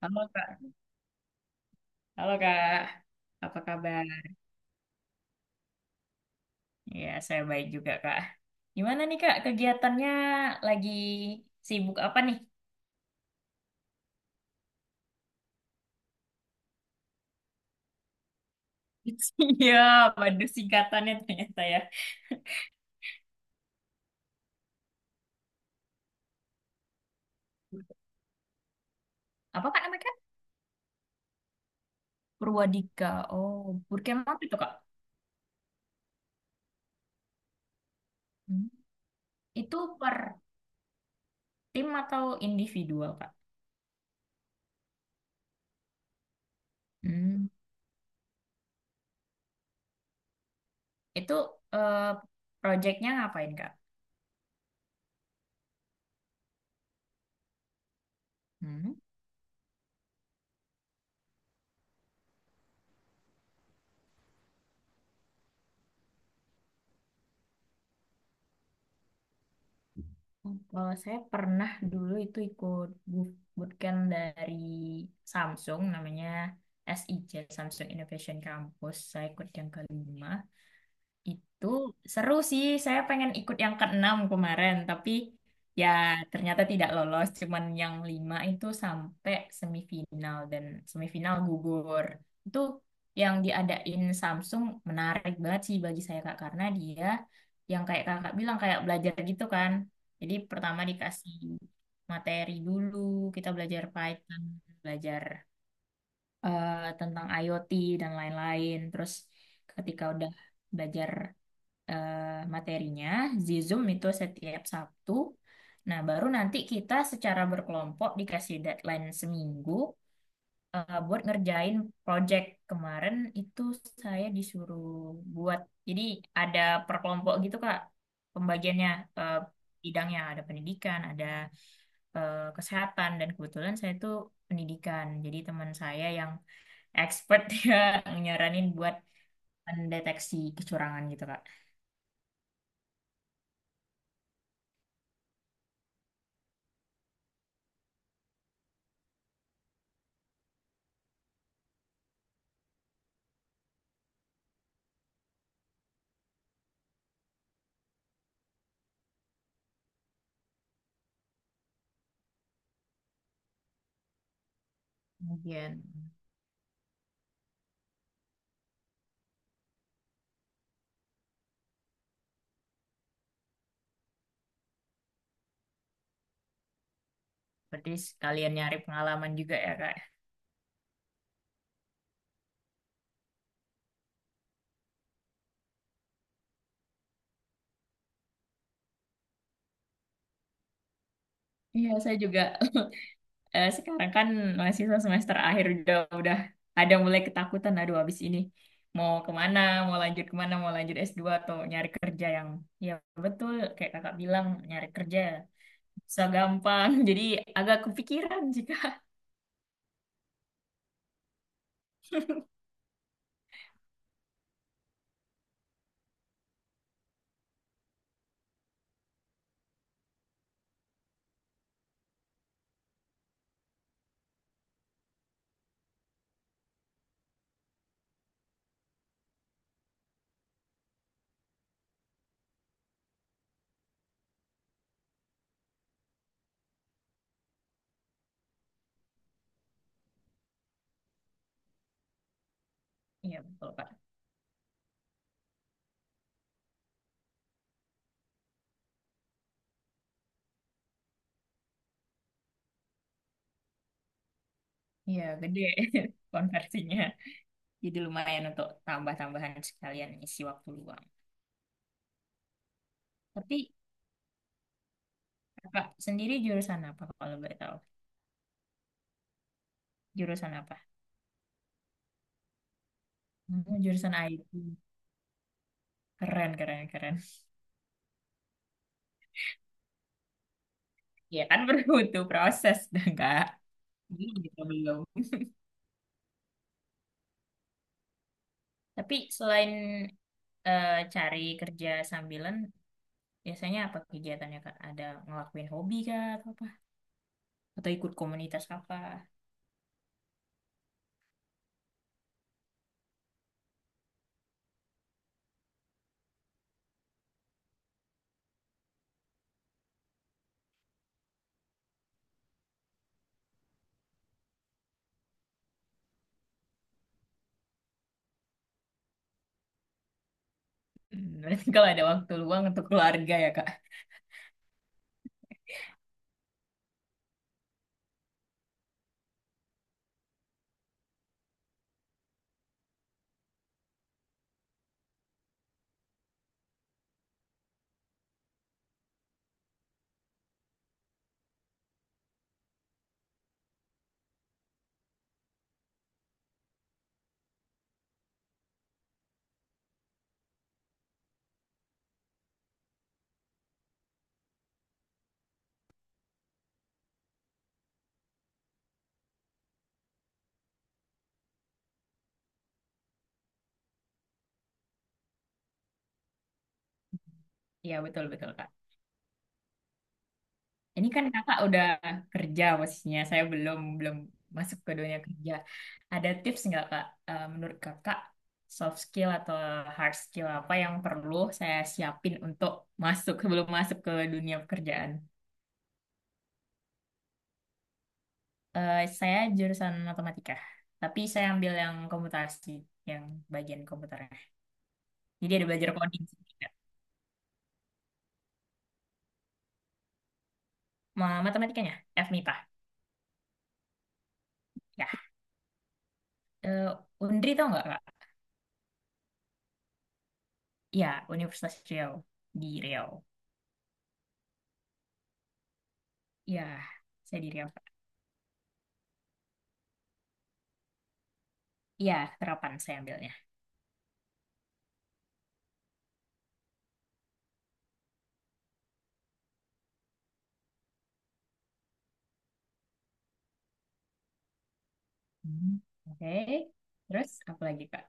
Halo Kak, halo Kak, apa kabar? Ya, saya baik juga Kak. Gimana nih Kak, kegiatannya lagi sibuk apa nih? Iya, waduh singkatannya ternyata ya. Apa Kak namanya Kak? Purwadika, oh Purkema apa itu Kak? Hmm. Itu per tim atau individual Kak? Hmm. Itu eh, proyeknya ngapain Kak? Hmm. Kalau saya pernah dulu itu ikut bootcamp dari Samsung, namanya SIJ, Samsung Innovation Campus. Saya ikut yang kelima. Itu seru sih. Saya pengen ikut yang keenam kemarin, tapi ya ternyata tidak lolos. Cuman yang lima itu sampai semifinal dan semifinal gugur. Itu yang diadain Samsung menarik banget sih bagi saya Kak, karena dia yang kayak Kakak bilang kayak belajar gitu kan. Jadi pertama dikasih materi dulu, kita belajar Python, belajar tentang IoT dan lain-lain. Terus ketika udah belajar eh, materinya, Zizum itu setiap Sabtu. Nah, baru nanti kita secara berkelompok dikasih deadline seminggu buat ngerjain project. Kemarin itu saya disuruh buat, jadi ada per kelompok gitu Kak, pembagiannya eh, bidangnya ada pendidikan, ada kesehatan, dan kebetulan saya itu pendidikan. Jadi teman saya yang expert ya nyaranin buat mendeteksi kecurangan gitu Kak. Kemudian. Berarti sekalian nyari pengalaman juga ya, Kak. Iya, saya juga sekarang kan mahasiswa semester akhir udah ada mulai ketakutan. Aduh, habis ini mau kemana, mau lanjut S2 atau nyari kerja yang, ya, betul kayak kakak bilang nyari kerja susah gampang. Jadi agak kepikiran sih Kak. Iya betul Kak. Iya gede konversinya. Jadi lumayan untuk tambah-tambahan sekalian isi waktu luang. Tapi Kakak sendiri jurusan apa kalau boleh tahu? Jurusan apa? Jurusan IT. Keren, keren, keren. Ya kan butuh proses, dah enggak? Gitu belum. Tapi selain cari kerja sambilan, biasanya apa kegiatannya, Kak? Ada ngelakuin hobi kah atau apa? Atau ikut komunitas apa? Berarti kalau ada waktu luang untuk keluarga ya, Kak? Iya, betul, betul, Kak. Ini kan kakak udah kerja posisinya, saya belum belum masuk ke dunia kerja. Ada tips nggak kak? Menurut kakak soft skill atau hard skill apa yang perlu saya siapin untuk masuk sebelum masuk ke dunia pekerjaan? Saya jurusan matematika, tapi saya ambil yang komputasi, yang bagian komputernya. Jadi ada belajar coding juga. Matematikanya, FMIPA. Ya. Eh, Undri tau nggak kak? Ya, Universitas Riau di Riau. Ya, saya di Riau. Iya, terapan saya ambilnya. Hmm. Oke, terus apa lagi Kak?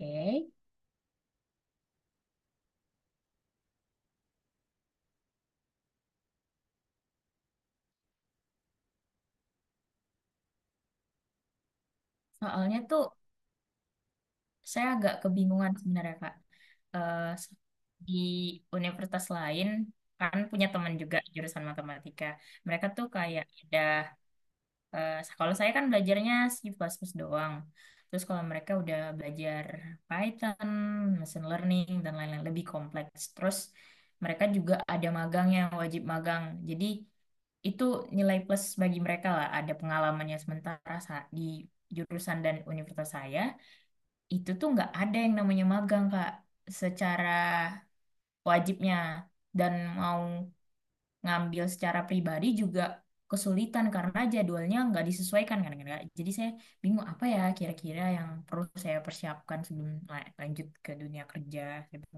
Oke, soalnya tuh saya agak kebingungan sebenarnya Kak. Eh, di universitas lain kan punya teman juga jurusan matematika. Mereka tuh kayak ada. Eh, kalau saya kan belajarnya C++ doang. Terus kalau mereka udah belajar Python, machine learning, dan lain-lain lebih kompleks. Terus mereka juga ada magang, yang wajib magang. Jadi itu nilai plus bagi mereka lah. Ada pengalamannya, sementara di jurusan dan universitas saya, itu tuh nggak ada yang namanya magang, Kak. Secara wajibnya. Dan mau ngambil secara pribadi juga kesulitan karena jadwalnya nggak disesuaikan kan kan Kak. Jadi saya bingung apa ya kira-kira yang perlu saya persiapkan sebelum lanjut ke dunia kerja. Saya gitu.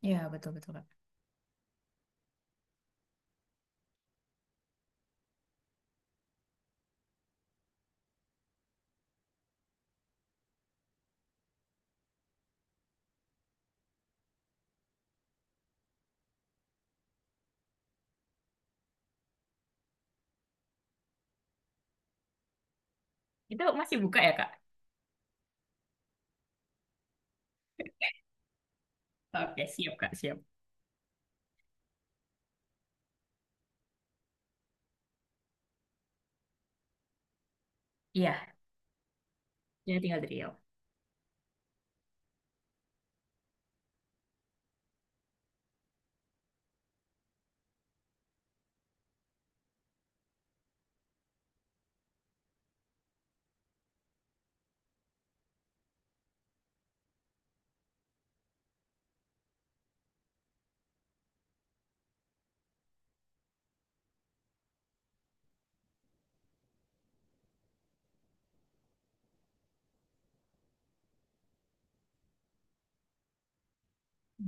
Ya, betul-betul, Kak. Itu masih buka ya Kak? Oke siap Kak, siap. Iya, jadi tinggal di Riau.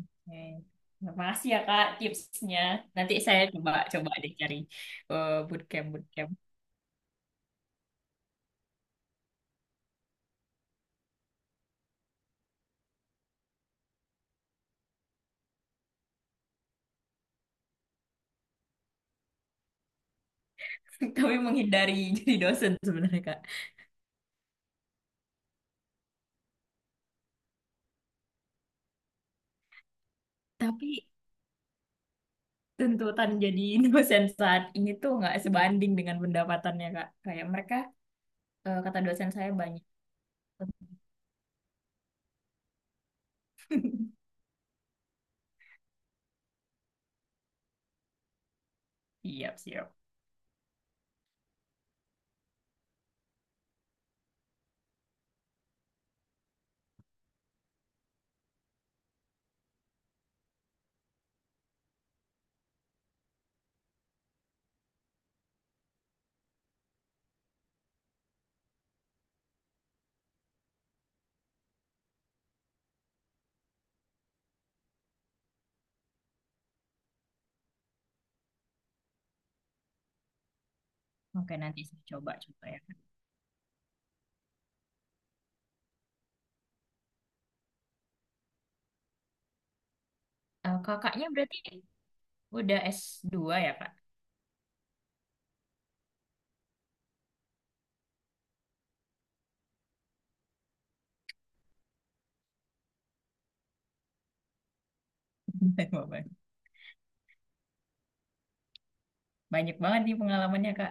Oke. Terima kasih ya Kak tipsnya. Nanti saya coba coba deh cari bootcamp bootcamp. Tapi menghindari jadi dosen sebenarnya Kak. Tapi tuntutan jadi dosen saat ini tuh nggak sebanding dengan pendapatannya Kak. Kayak mereka kata dosen saya banyak. Siap, siap. Oke, nanti saya coba coba ya. Kakaknya berarti udah S2 ya, Kak? Banyak banget nih pengalamannya, Kak.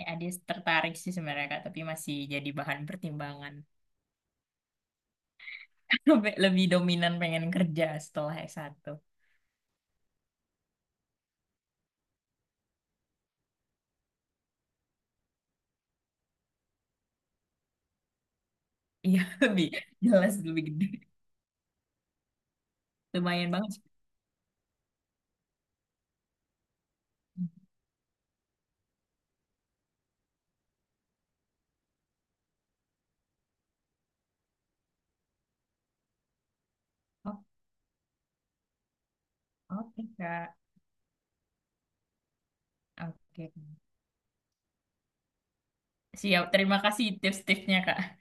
Adis tertarik sih sebenarnya, Kak, tapi masih jadi bahan pertimbangan. Lebih lebih dominan pengen kerja setelah S1. Iya, lebih jelas, lebih gede. Lumayan banget. Oh, oke, Kak. Oke. Siap, terima kasih tips-tipsnya, Kak.